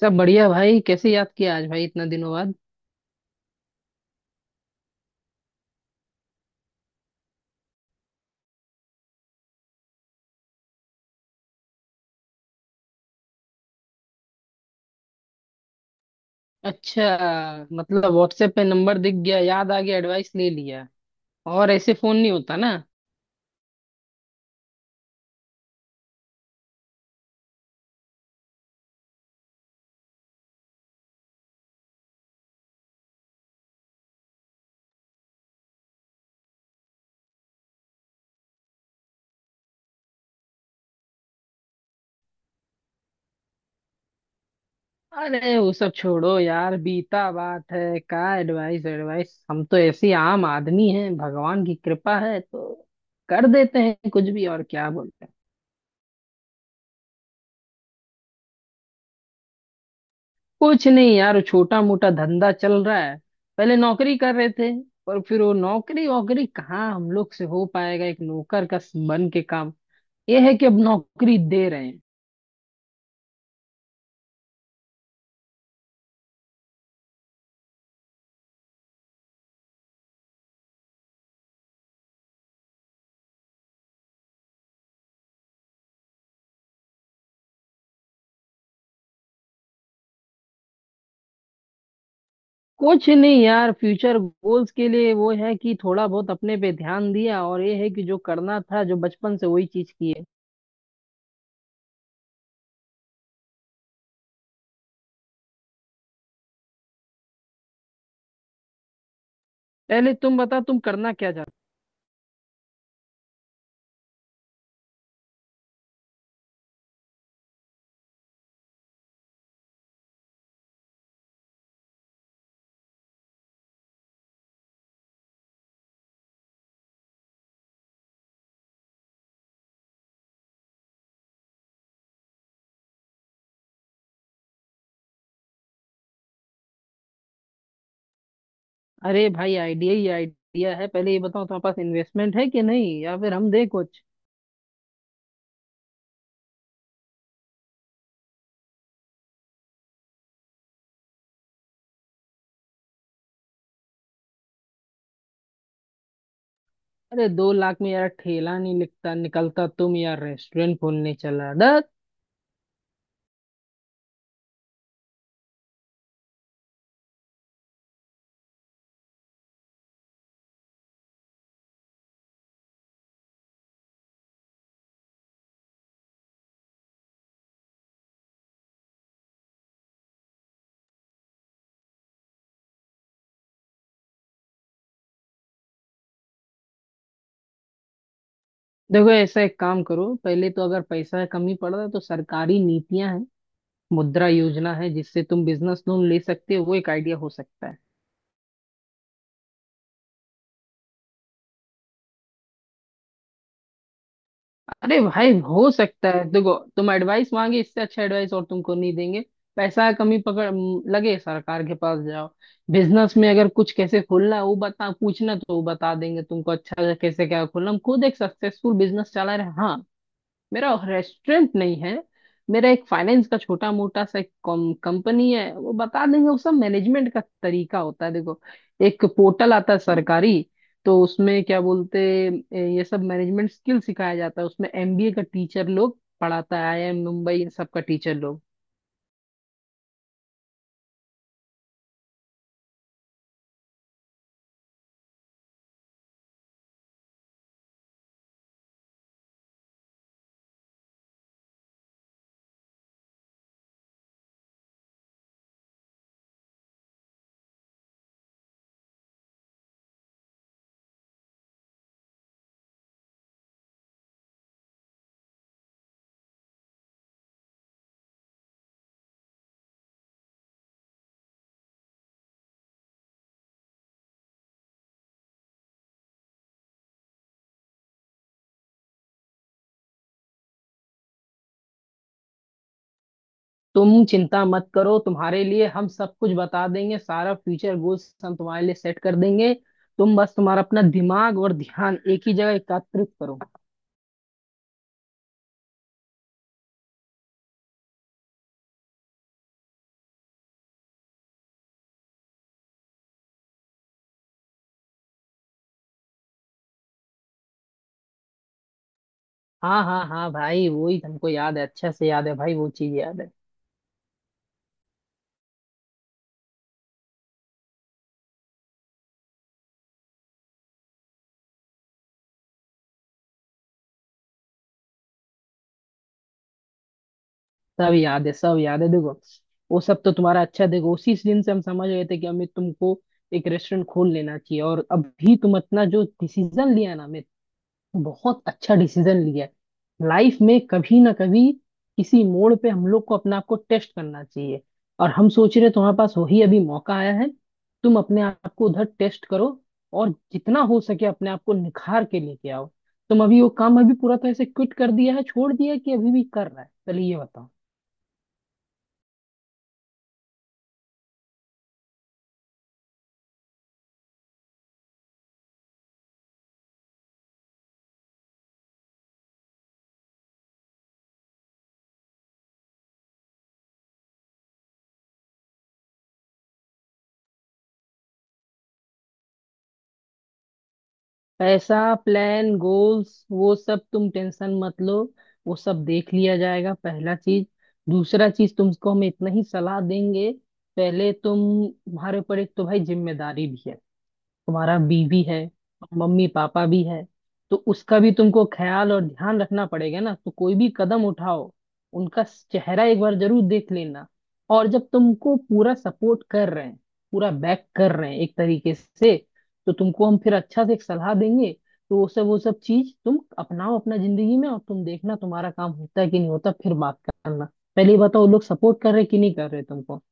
सब बढ़िया भाई। कैसे याद किया आज भाई इतना दिनों बाद? अच्छा, मतलब व्हाट्सएप पे नंबर दिख गया, याद आ गया, एडवाइस ले लिया। और ऐसे फोन नहीं होता ना? अरे वो सब छोड़ो यार, बीता बात है। का एडवाइस एडवाइस, हम तो ऐसे ही आम आदमी हैं। भगवान की कृपा है तो कर देते हैं कुछ भी, और क्या बोलते हैं। कुछ नहीं यार, छोटा मोटा धंधा चल रहा है। पहले नौकरी कर रहे थे, पर फिर वो नौकरी वोकरी कहाँ हम लोग से हो पाएगा। एक नौकर का बन के काम, ये है कि अब नौकरी दे रहे हैं। कुछ नहीं यार, फ्यूचर गोल्स के लिए वो है कि थोड़ा बहुत अपने पे ध्यान दिया, और ये है कि जो करना था, जो बचपन से वही चीज की है। पहले तुम बता, तुम करना क्या चाहते। अरे भाई आइडिया ही आइडिया है। पहले ये बताओ तुम्हारे पास इन्वेस्टमेंट है कि नहीं, या फिर हम दे कुछ। अरे 2 लाख में यार ठेला नहीं लिखता निकलता, तुम यार रेस्टोरेंट खोलने चला डर। देखो, ऐसा एक काम करो, पहले तो अगर पैसा कमी पड़ रहा है तो सरकारी नीतियां हैं, मुद्रा योजना है, जिससे तुम बिजनेस लोन ले सकते हो। वो एक आइडिया हो सकता है। अरे भाई हो सकता है। देखो, तुम एडवाइस मांगे, इससे अच्छा एडवाइस और तुमको नहीं देंगे। पैसा कमी पकड़ लगे, सरकार के पास जाओ। बिजनेस में अगर कुछ कैसे खोलना है वो बता, पूछना तो वो बता देंगे तुमको, अच्छा कैसे क्या खोलना। हम खुद एक सक्सेसफुल बिजनेस चला रहे हैं। हाँ, मेरा रेस्टोरेंट नहीं है, मेरा एक फाइनेंस का छोटा मोटा सा एक कंपनी है। वो बता देंगे वो सब, मैनेजमेंट का तरीका होता है। देखो, एक पोर्टल आता है सरकारी, तो उसमें क्या बोलते, ये सब मैनेजमेंट स्किल सिखाया जाता है। उसमें एमबीए का टीचर लोग पढ़ाता है, आईआईएम मुंबई इन सब का टीचर लोग। तुम चिंता मत करो, तुम्हारे लिए हम सब कुछ बता देंगे। सारा फ्यूचर गोल्स हम तुम्हारे लिए सेट कर देंगे। तुम बस तुम्हारा अपना दिमाग और ध्यान एक ही जगह एकत्रित करो। हाँ हाँ हाँ भाई, वो ही हमको याद है, अच्छा से याद है भाई, वो चीज याद है। सब याद है, सब याद है। देखो, वो सब तो तुम्हारा अच्छा, देखो उसी दिन से हम समझ गए थे कि अमित तुमको एक रेस्टोरेंट खोल लेना चाहिए। और अभी तुम अपना जो डिसीजन लिया ना अमित, बहुत अच्छा डिसीजन लिया है। लाइफ में कभी ना कभी किसी मोड़ पे हम लोग को अपने आप को टेस्ट करना चाहिए, और हम सोच रहे हैं तुम्हारे पास वही अभी मौका आया है। तुम अपने आप को उधर टेस्ट करो, और जितना हो सके अपने आप को निखार के लेके आओ। तुम अभी वो काम अभी पूरा तरह से क्विट कर दिया है, छोड़ दिया है, कि अभी भी कर रहा है? चलिए ये बताओ। पैसा, प्लान, गोल्स, वो सब तुम टेंशन मत लो, वो सब देख लिया जाएगा, पहला चीज। दूसरा चीज, तुमको हम इतना ही सलाह देंगे। पहले तुम, तुम्हारे ऊपर एक तो भाई जिम्मेदारी भी है, तुम्हारा बीवी है, मम्मी पापा भी है, तो उसका भी तुमको ख्याल और ध्यान रखना पड़ेगा ना। तो कोई भी कदम उठाओ, उनका चेहरा एक बार जरूर देख लेना। और जब तुमको पूरा सपोर्ट कर रहे हैं, पूरा बैक कर रहे हैं एक तरीके से, तो तुमको हम फिर अच्छा से एक सलाह देंगे। तो वो सब, वो सब चीज तुम अपनाओ अपना जिंदगी में, और तुम देखना तुम्हारा काम होता है कि नहीं होता, फिर बात करना। पहले ये बताओ वो लोग सपोर्ट कर रहे कि नहीं कर रहे तुमको।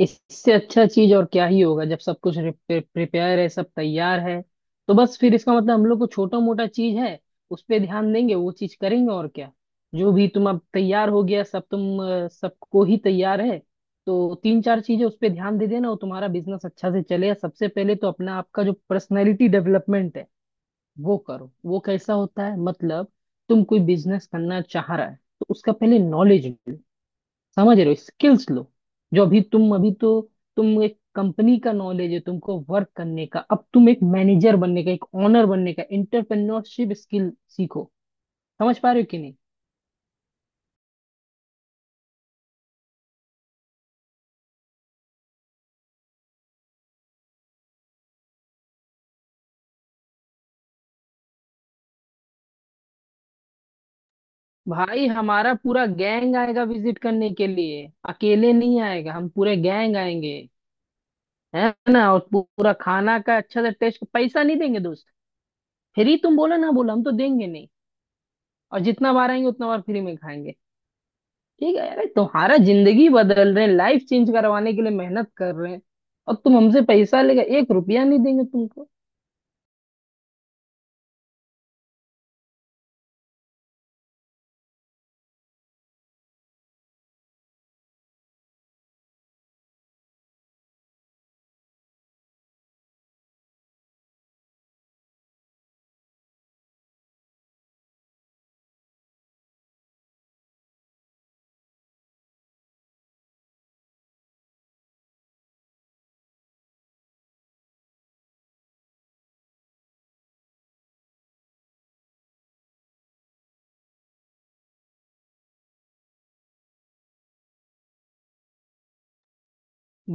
इससे अच्छा चीज और क्या ही होगा जब सब कुछ प्रिपेयर है, सब तैयार है। तो बस फिर इसका मतलब हम लोग को छोटा मोटा चीज है, उस पे ध्यान देंगे, वो चीज करेंगे, और क्या। जो भी तुम अब तैयार हो गया, सब तुम, सबको ही तैयार है। तो तीन चार चीजें उस पे ध्यान दे देना, और तुम्हारा बिजनेस अच्छा से चले। सबसे पहले तो अपना, आपका जो पर्सनैलिटी डेवलपमेंट है वो करो। वो कैसा होता है मतलब, तुम कोई बिजनेस करना चाह रहा है तो उसका पहले नॉलेज लो। समझ रहे हो, स्किल्स लो। जो अभी तुम अभी तो, तुम एक कंपनी का नॉलेज है तुमको वर्क करने का। अब तुम एक मैनेजर बनने का, एक ओनर बनने का, एंटरप्रेन्योरशिप स्किल सीखो। समझ पा रहे हो कि नहीं? भाई हमारा पूरा गैंग आएगा विजिट करने के लिए, अकेले नहीं आएगा, हम पूरे गैंग आएंगे। है ना, और पूरा खाना का अच्छा सा टेस्ट, पैसा नहीं देंगे दोस्त। फ्री तुम बोलो ना बोलो, हम तो देंगे नहीं। और जितना बार आएंगे उतना बार फ्री में खाएंगे। ठीक है। अरे तुम्हारा जिंदगी बदल रहे हैं, लाइफ चेंज करवाने के लिए मेहनत कर रहे हैं, और तुम हमसे पैसा लेकर एक रुपया नहीं देंगे तुमको।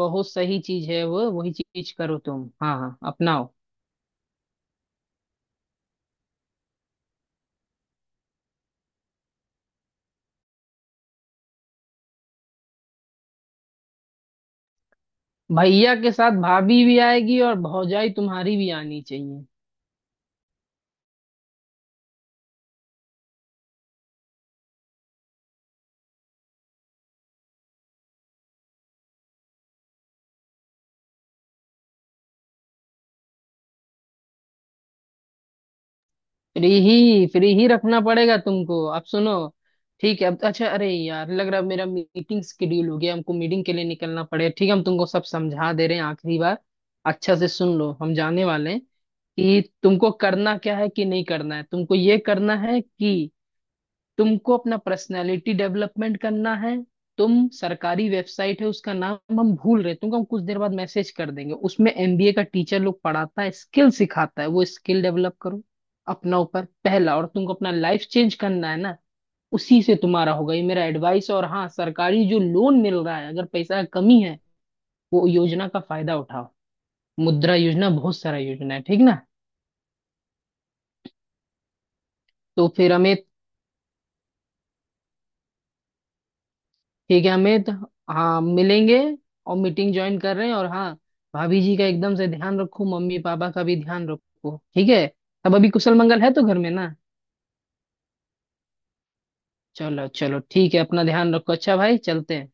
बहुत सही चीज है वो, वही चीज करो तुम। हाँ हाँ, अपनाओ। भैया के साथ भाभी भी आएगी, और भौजाई तुम्हारी भी आनी चाहिए। फ्री ही, फ्री ही रखना पड़ेगा तुमको। अब सुनो, ठीक है। अब तो अच्छा, अरे यार लग रहा है मेरा मीटिंग शेड्यूल हो गया, हमको मीटिंग के लिए निकलना पड़ेगा। ठीक है, हम तुमको सब समझा दे रहे हैं आखिरी बार, अच्छा से सुन लो, हम जाने वाले हैं। कि तुमको करना क्या है कि नहीं करना है, तुमको ये करना है कि तुमको अपना पर्सनालिटी डेवलपमेंट करना है। तुम, सरकारी वेबसाइट है उसका नाम हम भूल रहे हैं, तुमको हम कुछ देर बाद मैसेज कर देंगे। उसमें एमबीए का टीचर लोग पढ़ाता है, स्किल सिखाता है, वो स्किल डेवलप करो अपना ऊपर, पहला। और तुमको अपना लाइफ चेंज करना है ना, उसी से तुम्हारा होगा। ये मेरा एडवाइस। और हाँ, सरकारी जो लोन मिल रहा है, अगर पैसा कमी है, वो योजना का फायदा उठाओ। मुद्रा योजना, बहुत सारा योजना है, ठीक ना? तो फिर हमें, ठीक है अमित, हाँ मिलेंगे, और मीटिंग ज्वाइन कर रहे हैं। और हाँ, भाभी जी का एकदम से ध्यान रखो, मम्मी पापा का भी ध्यान रखो, ठीक है। अब अभी कुशल मंगल है तो घर में ना। चलो चलो ठीक है, अपना ध्यान रखो। अच्छा भाई, चलते हैं।